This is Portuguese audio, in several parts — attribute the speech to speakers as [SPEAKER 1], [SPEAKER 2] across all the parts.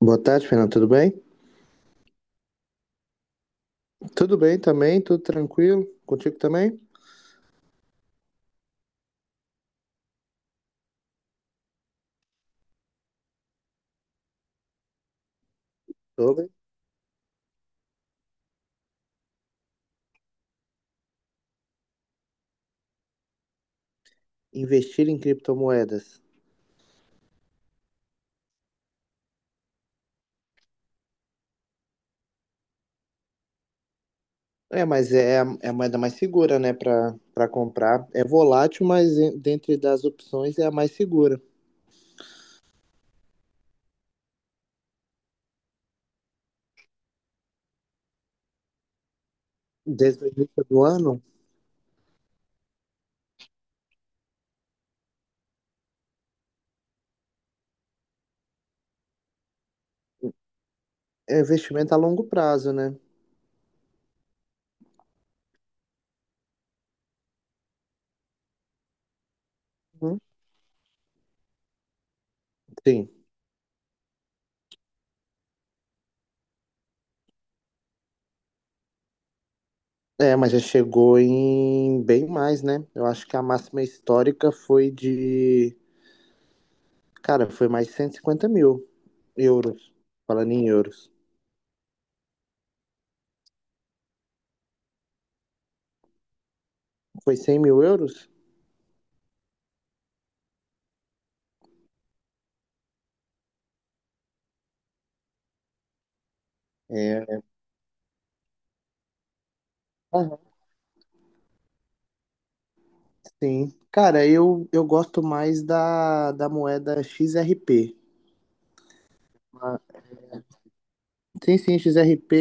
[SPEAKER 1] Boa tarde, Fernando. Tudo bem? Tudo bem também, tudo tranquilo. Contigo também? Sobre investir em criptomoedas. É, mas é a moeda mais segura, né, para comprar. É volátil, mas dentre das opções é a mais segura. Desde o início do ano, é investimento a longo prazo, né? Uhum. Sim. É, mas já chegou em bem mais, né? Eu acho que a máxima histórica foi de, cara, foi mais de 150 mil euros. Falando em euros. Foi 100 mil euros? É, aham. Sim. Cara, eu gosto mais da moeda XRP. Ah, sim, sim, XRP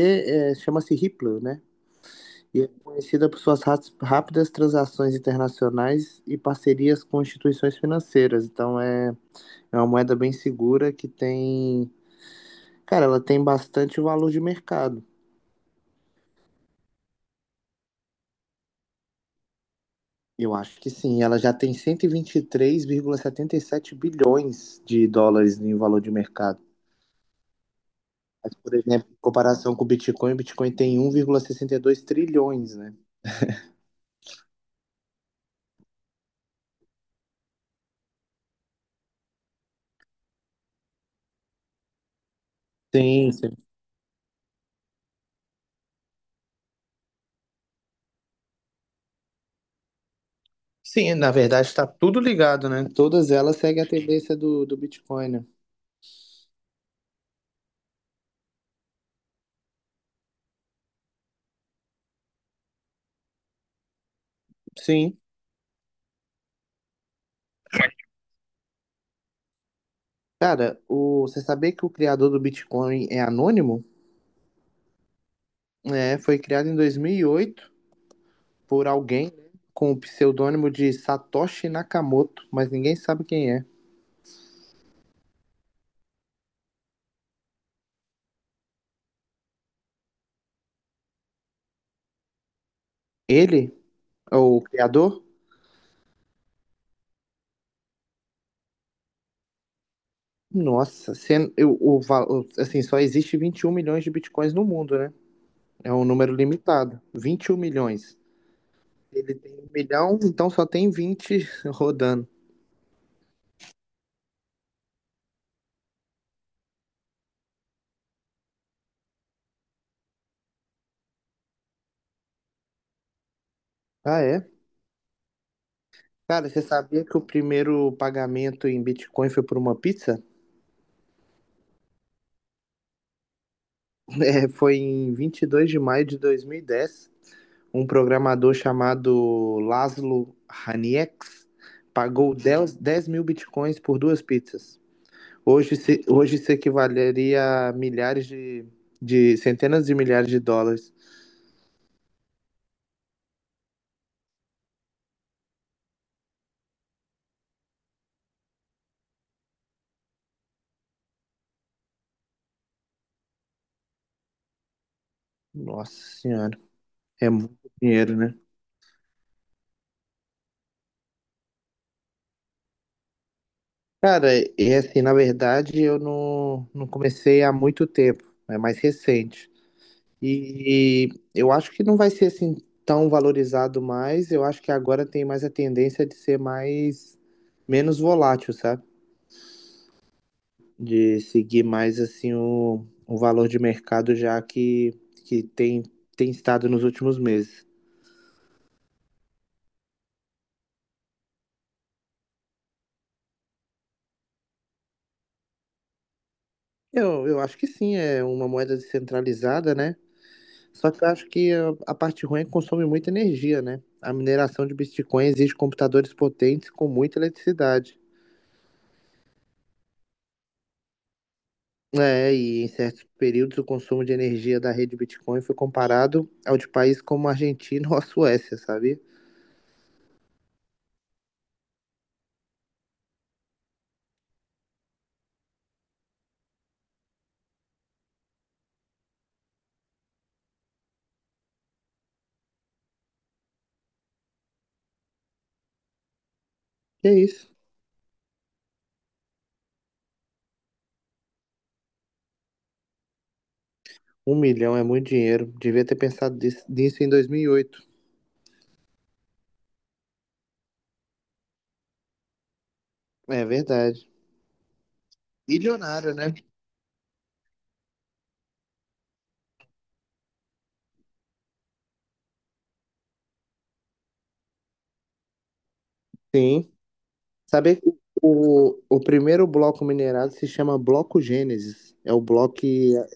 [SPEAKER 1] é, chama-se Ripple, né? E é conhecida por suas rápidas transações internacionais e parcerias com instituições financeiras. Então é uma moeda bem segura que tem. Cara, ela tem bastante valor de mercado. Eu acho que sim. Ela já tem cento e vinte três vírgula setenta e sete bilhões de dólares em valor de mercado. Mas, por exemplo, em comparação com o Bitcoin tem 1,62 trilhões, né? Sim, sim. Sim, na verdade está tudo ligado, né? Todas elas seguem a tendência do Bitcoin, né? Sim. Cara, você sabia que o criador do Bitcoin é anônimo? É, foi criado em 2008 por alguém, né, com o pseudônimo de Satoshi Nakamoto, mas ninguém sabe quem é. Ele é o criador, nossa, sendo, assim, só existe 21 milhões de bitcoins no mundo, né? É um número limitado. 21 milhões. Ele tem um milhão, então só tem 20 rodando. Ah, é? Cara, você sabia que o primeiro pagamento em Bitcoin foi por uma pizza? É, foi em 22 de maio de 2010. Um programador chamado Laszlo Haniex pagou 10 10 mil Bitcoins por duas pizzas. Hoje, se, hoje isso equivaleria a centenas de milhares de dólares. Nossa senhora, é muito dinheiro, né? Cara, é assim, na verdade, eu não comecei há muito tempo, é mais recente. E, eu acho que não vai ser assim tão valorizado mais. Eu acho que agora tem mais a tendência de ser mais menos volátil, sabe? De seguir mais assim o valor de mercado já que tem estado nos últimos meses. Eu acho que sim, é uma moeda descentralizada, né? Só que eu acho que a parte ruim é que consome muita energia, né? A mineração de Bitcoin exige computadores potentes com muita eletricidade. É, e em certos períodos o consumo de energia da rede Bitcoin foi comparado ao de países como a Argentina ou a Suécia, sabia? E é isso. Um milhão é muito dinheiro. Devia ter pensado nisso em 2008. É verdade. Milionário, né? Sim. Saber que o primeiro bloco minerado se chama bloco Gênesis. É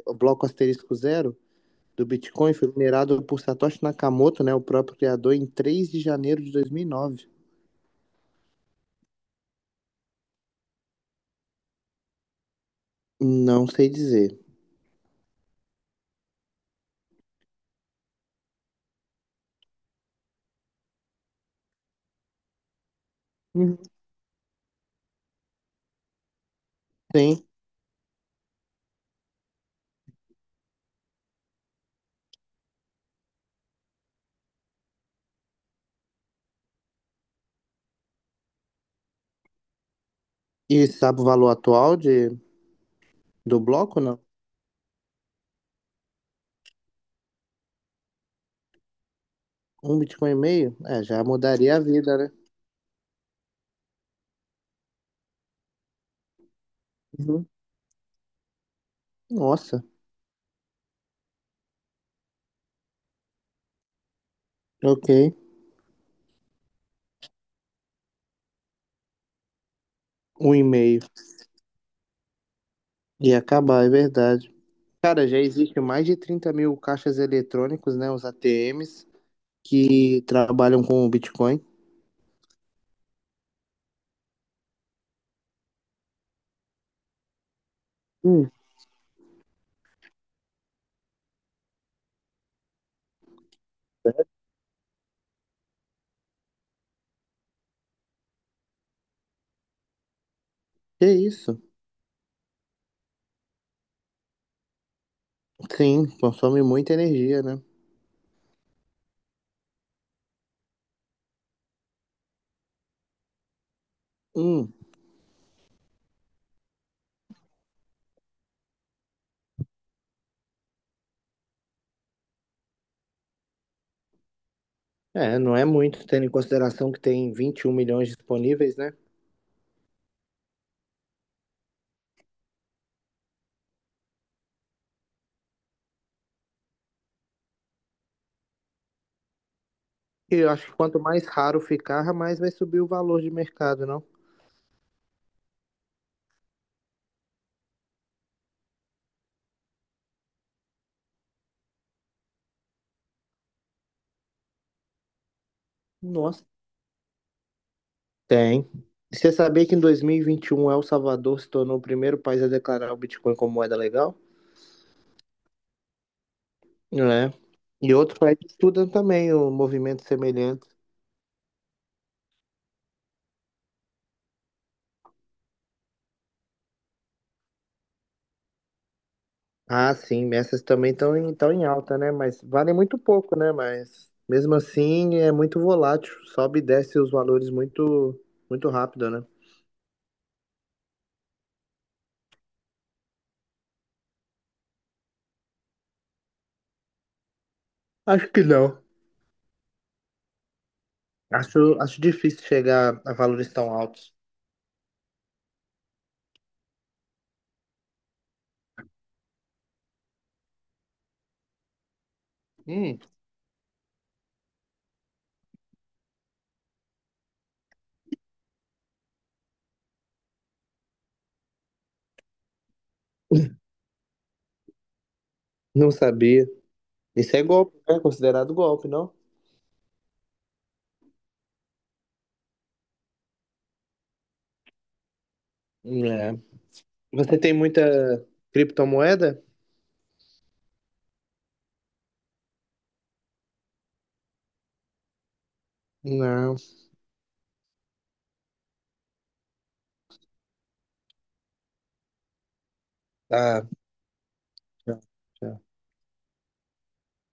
[SPEAKER 1] o bloco asterisco zero do Bitcoin foi minerado por Satoshi Nakamoto, né, o próprio criador, em 3 de janeiro de 2009. Não sei dizer. Uhum. Sim. E sabe o valor atual do bloco, não? Um Bitcoin e meio? É, já mudaria a vida, né? Uhum. Nossa, ok. Um e meio. Ia acabar, é verdade. Cara, já existe mais de 30 mil caixas eletrônicos, né? Os ATMs, que trabalham com o Bitcoin. Hum. Que isso? Sim, consome muita energia, né? Hum. É, não é muito, tendo em consideração que tem 21 milhões disponíveis, né? E eu acho que quanto mais raro ficar, mais vai subir o valor de mercado, não? Nossa. Tem. E você sabia que em dois mil e vinte e um El Salvador se tornou o primeiro país a declarar o Bitcoin como moeda legal? É. E outros países estudam também o movimento semelhante. Ah, sim, essas também estão em alta, né? Mas valem muito pouco, né? Mas mesmo assim é muito volátil, sobe e desce os valores muito, muito rápido, né? Acho que não. Acho difícil chegar a valores tão altos. Hum, Não sabia. Isso é golpe, é considerado golpe, não? É. Você tem muita criptomoeda? Não. Ah, já, já.